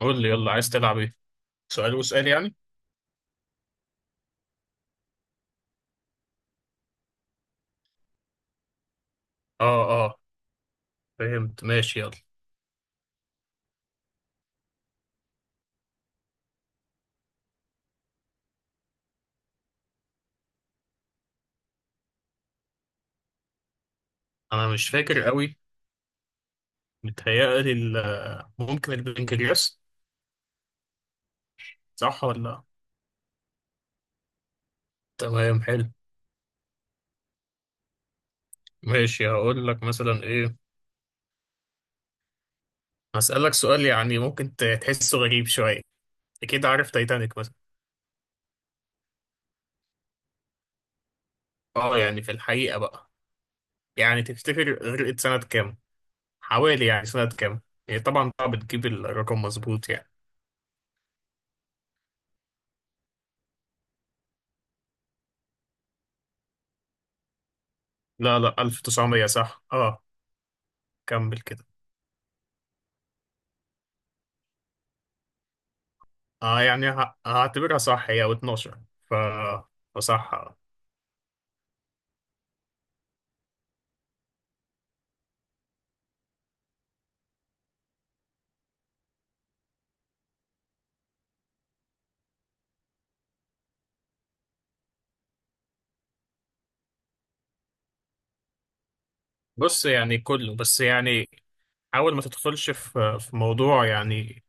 قول لي يلا، عايز تلعب ايه؟ سؤال وسؤال يعني؟ اه اه. فهمت، ماشي يلا. انا مش فاكر قوي. متهيألي ممكن البنكرياس. صح ولا؟ تمام، حلو. ماشي، هقول لك مثلا ايه. هسألك سؤال، يعني ممكن تحسه غريب شوية. اكيد عارف تايتانيك مثلا. اه يعني في الحقيقة بقى، يعني تفتكر غرقت سنة كام؟ حوالي يعني سنة كام؟ هي طبعا صعب تجيب الرقم مظبوط يعني. لا لا، 1900 صح اه. كمل كده. اه يعني هعتبرها صح، هي و12. ف فصح. بص يعني كله، بس يعني حاول ما تدخلش في موضوع يعني،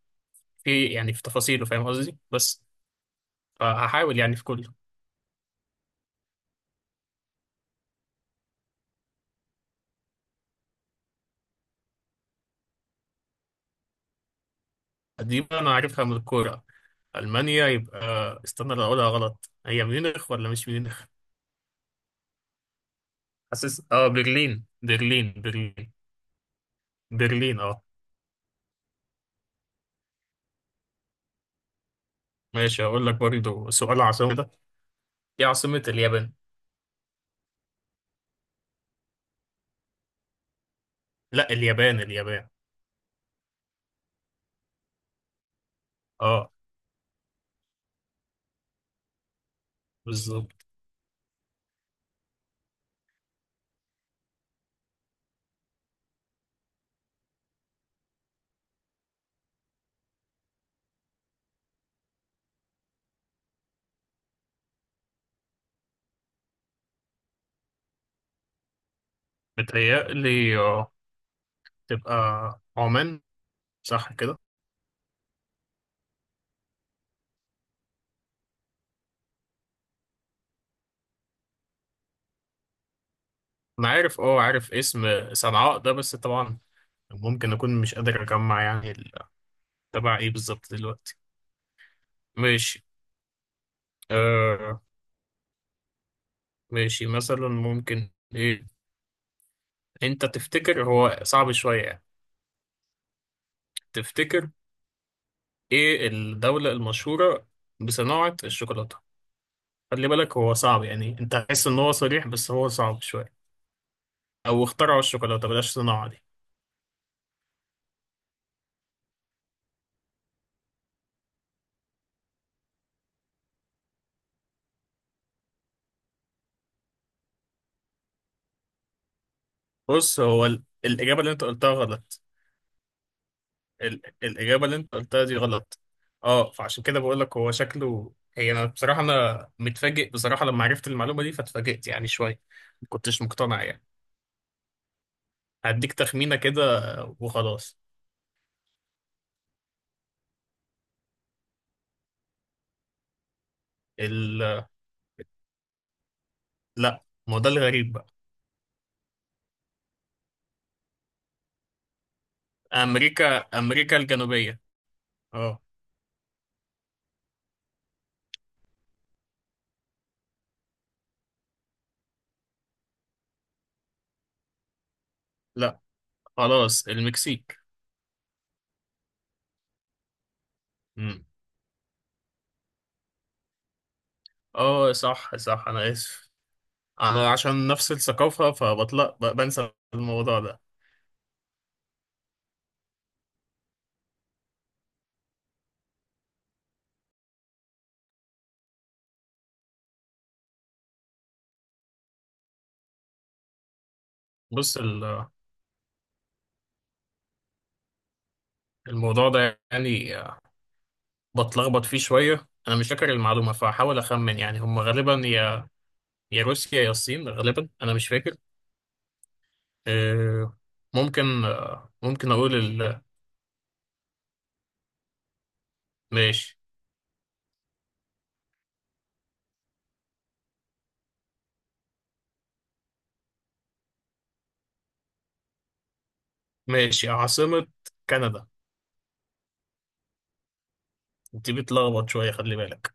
في يعني في تفاصيله، فاهم قصدي؟ بس فهحاول يعني في كله. دي بقى انا عارفها من الكوره. المانيا يبقى، استنى لو اقولها غلط، هي ميونخ ولا مش ميونخ؟ حاسس برلين، برلين، برلين. برلين اه. ماشي، هقول لك برضه سؤال عاصمة ده. ايه عاصمة اليابان؟ لا، اليابان اليابان. اه بالظبط. متهيألي تبقى عمان. صح كده؟ انا عارف عارف اسم صنعاء ده، بس طبعا ممكن اكون مش قادر اجمع يعني تبع ايه بالظبط دلوقتي. ماشي آه. ماشي، مثلا ممكن ايه. انت تفتكر هو صعب شوية يعني؟ تفتكر؟ ايه الدولة المشهورة بصناعة الشوكولاتة؟ خلي بالك، هو صعب يعني، انت هتحس ان هو صريح بس هو صعب شوية. او اخترعوا الشوكولاتة، بلاش صناعة دي. بص هو الإجابة اللي انت قلتها غلط. الإجابة اللي أنت قلتها دي غلط. فعشان كده بقول لك، هو شكله هي، أنا بصراحة، أنا متفاجئ بصراحة لما عرفت المعلومة دي، فاتفاجئت يعني شوية. ما كنتش مقتنع يعني. هديك تخمينة كده وخلاص. ال... لا، ما هو ده الغريب بقى. أمريكا أمريكا الجنوبية. أه. لا خلاص، المكسيك. مم. أه، صح صح، أنا آسف. أنا عشان نفس الثقافة فبطلق بنسى الموضوع ده. بص الموضوع ده يعني بتلخبط فيه شوية، أنا مش فاكر المعلومة، فهحاول أخمن، يعني هم غالبا يا روسيا يا الصين، غالبا أنا مش فاكر. آه، ممكن أقول. ماشي. ماشي، عاصمة كندا. دي بتلخبط شوية، خلي بالك.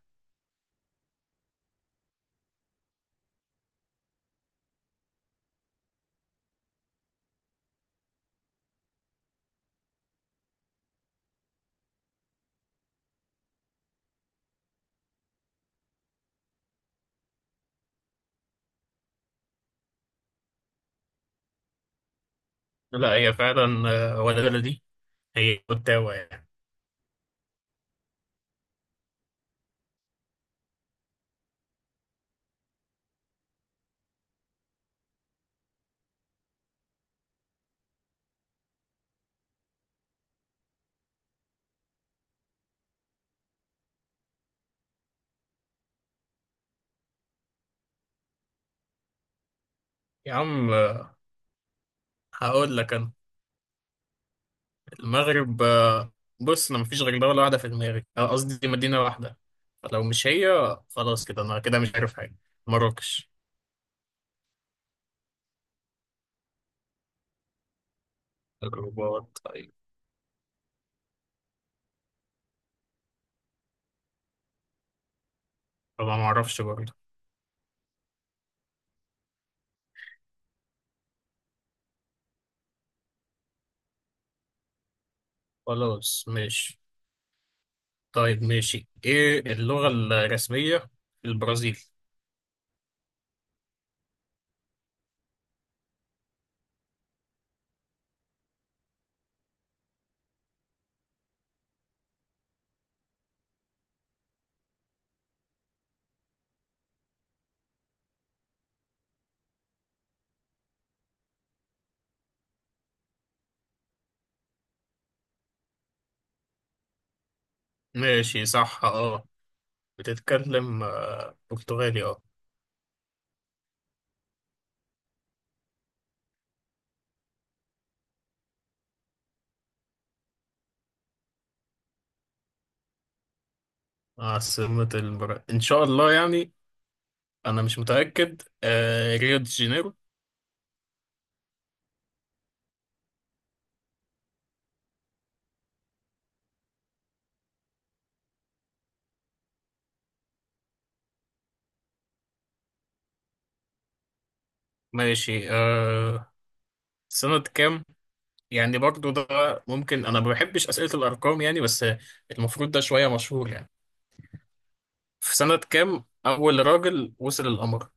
لا هي فعلا. ولا بلدي، هي أوتاوا يعني. يا عم هقول لك أنا. المغرب بص، أنا مفيش غير دولة واحدة في دماغي، قصدي مدينة واحدة. فلو مش هي خلاص كده، أنا كده مش عارف حاجة. مراكش. الرباط. طبعا ما اعرفش برضه. خلاص ماشي. طيب ماشي، ايه اللغة الرسمية في البرازيل؟ ماشي صح اه. بتتكلم برتغالي اه. عاصمة البرازيل ان شاء الله يعني، انا مش متأكد ريو دي جانيرو. ماشي آه. سنة كام يعني برضه ده، ممكن انا ما بحبش أسئلة الارقام يعني، بس المفروض ده شوية مشهور يعني. في سنة كام اول راجل وصل القمر؟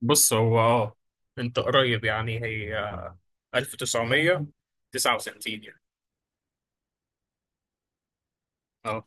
بص هو انت قريب يعني، هي 1969 يعني. اه،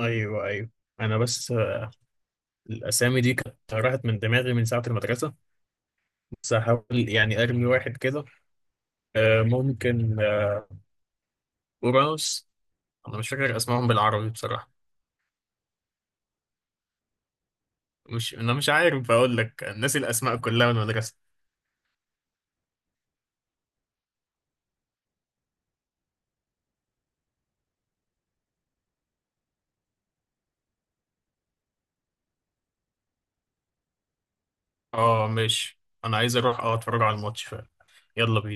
ايوه ايوه. انا بس الاسامي دي كانت راحت من دماغي من ساعه المدرسه، بس هحاول يعني ارمي واحد كده. ممكن اورانوس. انا مش فاكر اسمائهم بالعربي بصراحه. مش انا مش عارف اقول لك، الناس الاسماء كلها من المدرسه. اه ماشي. انا عايز اروح اتفرج على الماتش فعلا. يلا بينا.